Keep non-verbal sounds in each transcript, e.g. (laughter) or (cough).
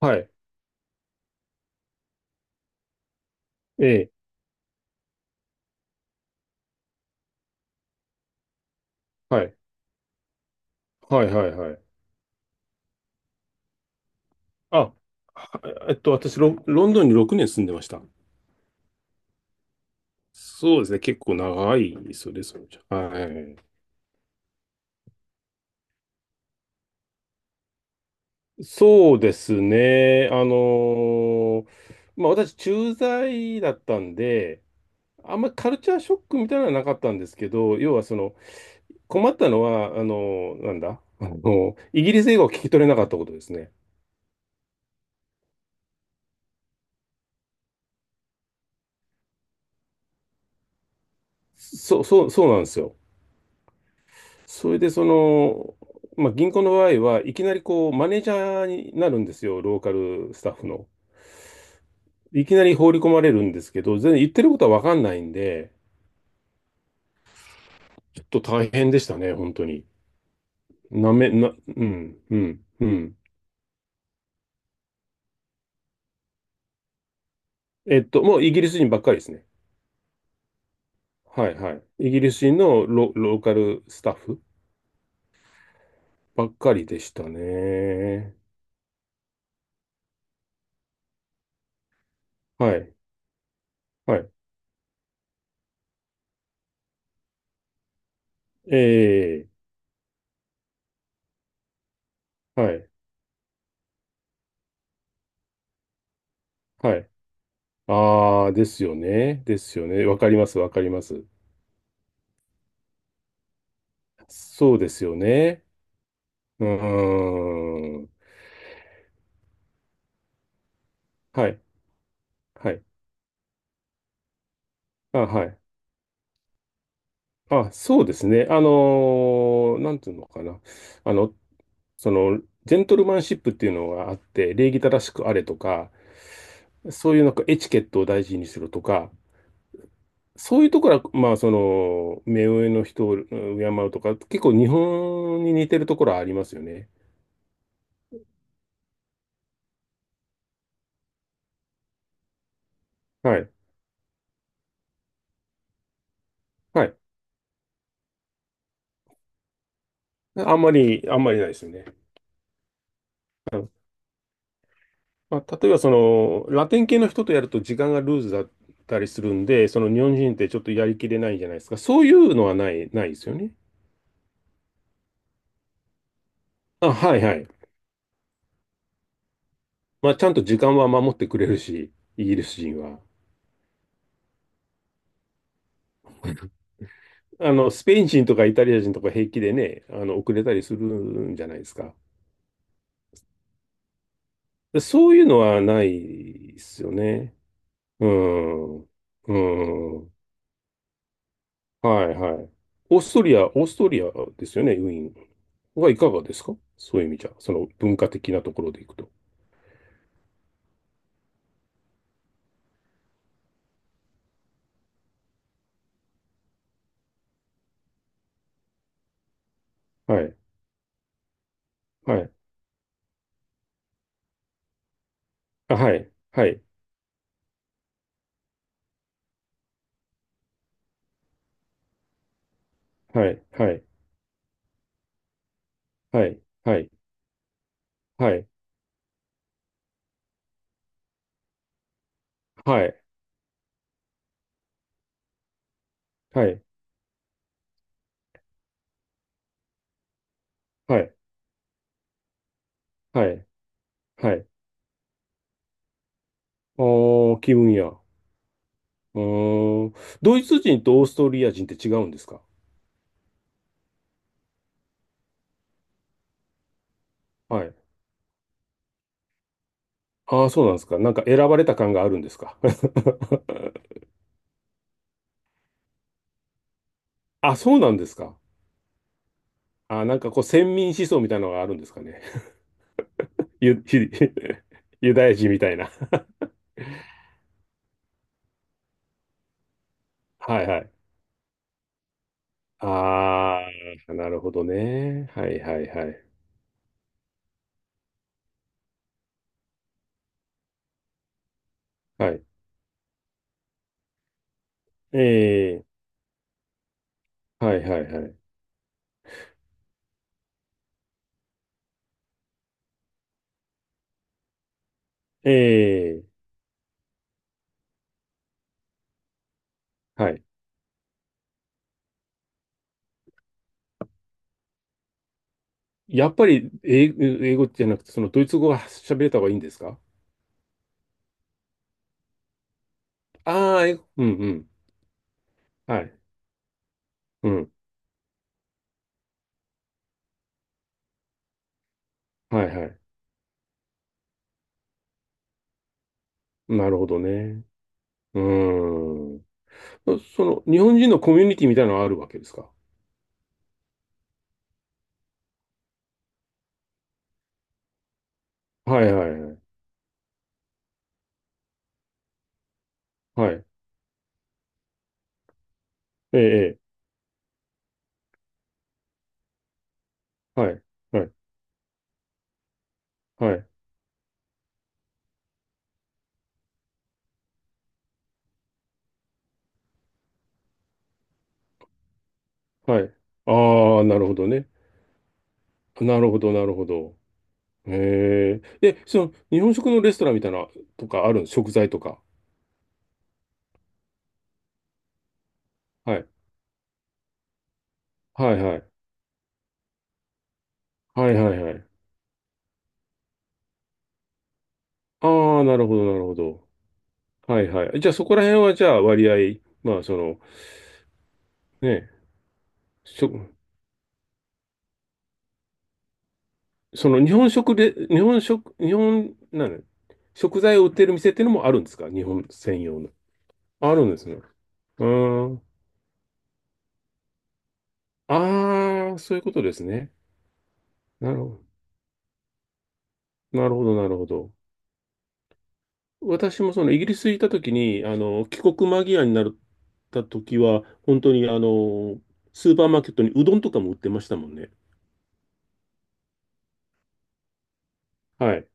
はい。ええ。はい。はい、はい、はい。あ、はえっと、ロンドンに6年住んでました。そうですね。結構長いですよね、それじゃ。はい。そうですね。ーまあ私、駐在だったんで、あんまりカルチャーショックみたいなのはなかったんですけど、要はその、困ったのは、あのーなんだ、あのーイギリス英語を聞き取れなかったことですね。そうなんですよ。それでその、まあ、銀行の場合はいきなりこうマネージャーになるんですよ、ローカルスタッフの。いきなり放り込まれるんですけど、全然言ってることはわかんないんで、ちょっと大変でしたね、本当に。なめ、な、うん、うん、うん。えっと、もうイギリス人ばっかりですね。はい、はい。イギリス人のロ、ローカルスタッフばっかりでしたね。はい、はい。ええ、はい、はい。ああ、ですよね。ですよね。わかります、わかります。そうですよね。うーん。はい。はい。あ、はい。あ、そうですね。あのーなんていうのかな。あの、その、ジェントルマンシップっていうのがあって、礼儀正しくあれとか、そういうなんかエチケットを大事にするとか、そういうところは、まあ、その、目上の人を敬うとか、結構日本に似てるところはありますよね。はい。はい。あんまり、あんまりないですよね。まあ、例えばそのラテン系の人とやると時間がルーズだったりするんで、その日本人ってちょっとやりきれないじゃないですか。そういうのはないですよね。あ、はいはい。まあ、ちゃんと時間は守ってくれるし、イギリス人は。あの、スペイン人とかイタリア人とか平気でね、あの、遅れたりするんじゃないですか。でそういうのはないですよね。うん。うん。はいはい。オーストリアですよね、ウィーンはいかがですか、そういう意味じゃ、その文化的なところでいくと。はい、はい、あ、はい、はい、はい、はい、はい、はい、はい、はい、はい、はい、はい、はい。あー、気分や。うーん。ドイツ人とオーストリア人って違うんですか？はい。ああ、そうなんですか。なんか選ばれた感があるんですか？ (laughs) あ、そうなんですか。あ、なんかこう、先民思想みたいなのがあるんですかね。ユ、ひ (laughs) ユダヤ人みたいな。(laughs) はいはい。ああ、なるほどね。はいはいはい。はい。ええ、はいはいはい。ええ、はい。やっぱり英語、英語じゃなくて、そのドイツ語が喋れた方がいいんですか？ああー、英語、うんうん。はい。うん。はいはい。なるほどね。うーん。その、日本人のコミュニティみたいなのはあるわけですか？はいはいはい。はい。ええ、ええはい。はい。はい。はい。ああ、なるほどね。なるほど、なるほど。へえ。で、その、日本食のレストランみたいな、とかあるん、食材とか。はい。はいはい。はいはいはい。ああ、なるほど、なるほど。はいはい。じゃあ、そこら辺は、じゃあ、割合、まあ、その、ね、食、その、日本食で、日本食、日本、なの食材を売ってる店っていうのもあるんですか、日本専用の。あるんですね。うーん。ああ、そういうことですね。なるほど、なるほど、なるほど。私もそのイギリス行った時に、あの、帰国間際になった時は、本当にあの、スーパーマーケットにうどんとかも売ってましたもんね。はい。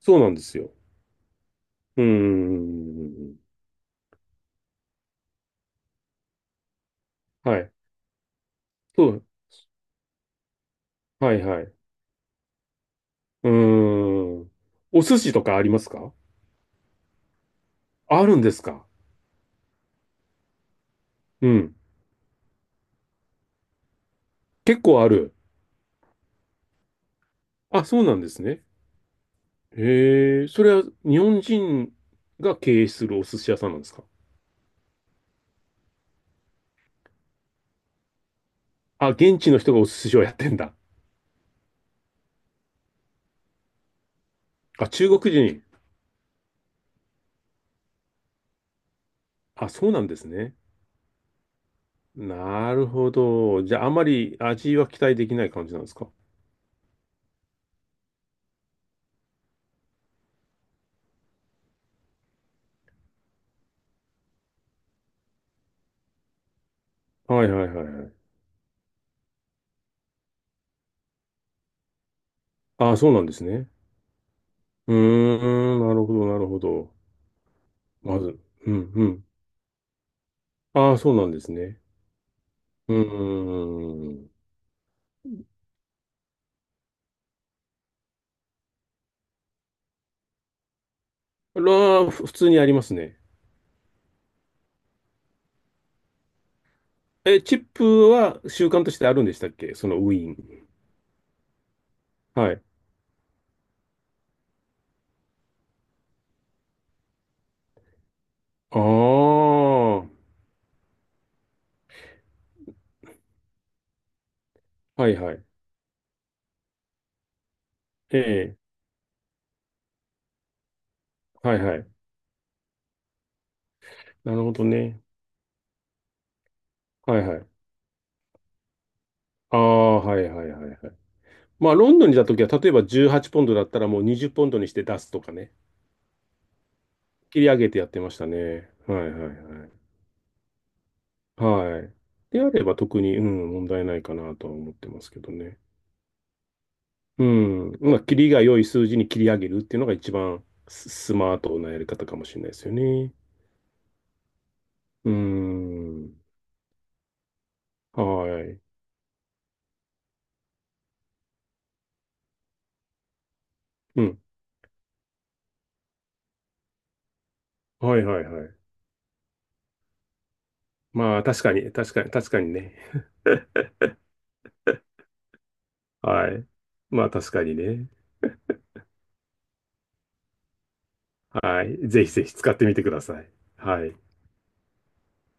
そうなんですよ。うーん。はい。そう。はいはい。うーん。お寿司とかありますか？あるんですか？うん。結構ある。あ、そうなんですね。へえ、それは日本人が経営するお寿司屋さんなんですか？あ、現地の人がお寿司をやってんだ。あ、中国人。あ、そうなんですね。なるほど。じゃあ、あまり味は期待できない感じなんですか？はいはいはいはい。ああ、そうなんですね。うーん、なるほど、なるほど。まず、うん、うん。ああ、そうなんですね。うーん。らふ普通にありますね。え、チップは習慣としてあるんでしたっけ、そのウィーンに。はい。ああ、はいはい。ええ、はいはい。なるほどね。はいはい。ああ、はいはいはいはい。まあ、ロンドンにいた時は、例えば18ポンドだったらもう20ポンドにして出すとかね、切り上げてやってましたね。はいはいはい。はい。であれば特に、うん、問題ないかなとは思ってますけどね。うん。まあ、切りが良い数字に切り上げるっていうのが一番スマートなやり方かもしれないですよね。うん。はい。うん。はいはいはい。まあ、確かに、確かに、確かにね。はい。まあ、確かにね。はい。ぜひぜひ使ってみてください。はい。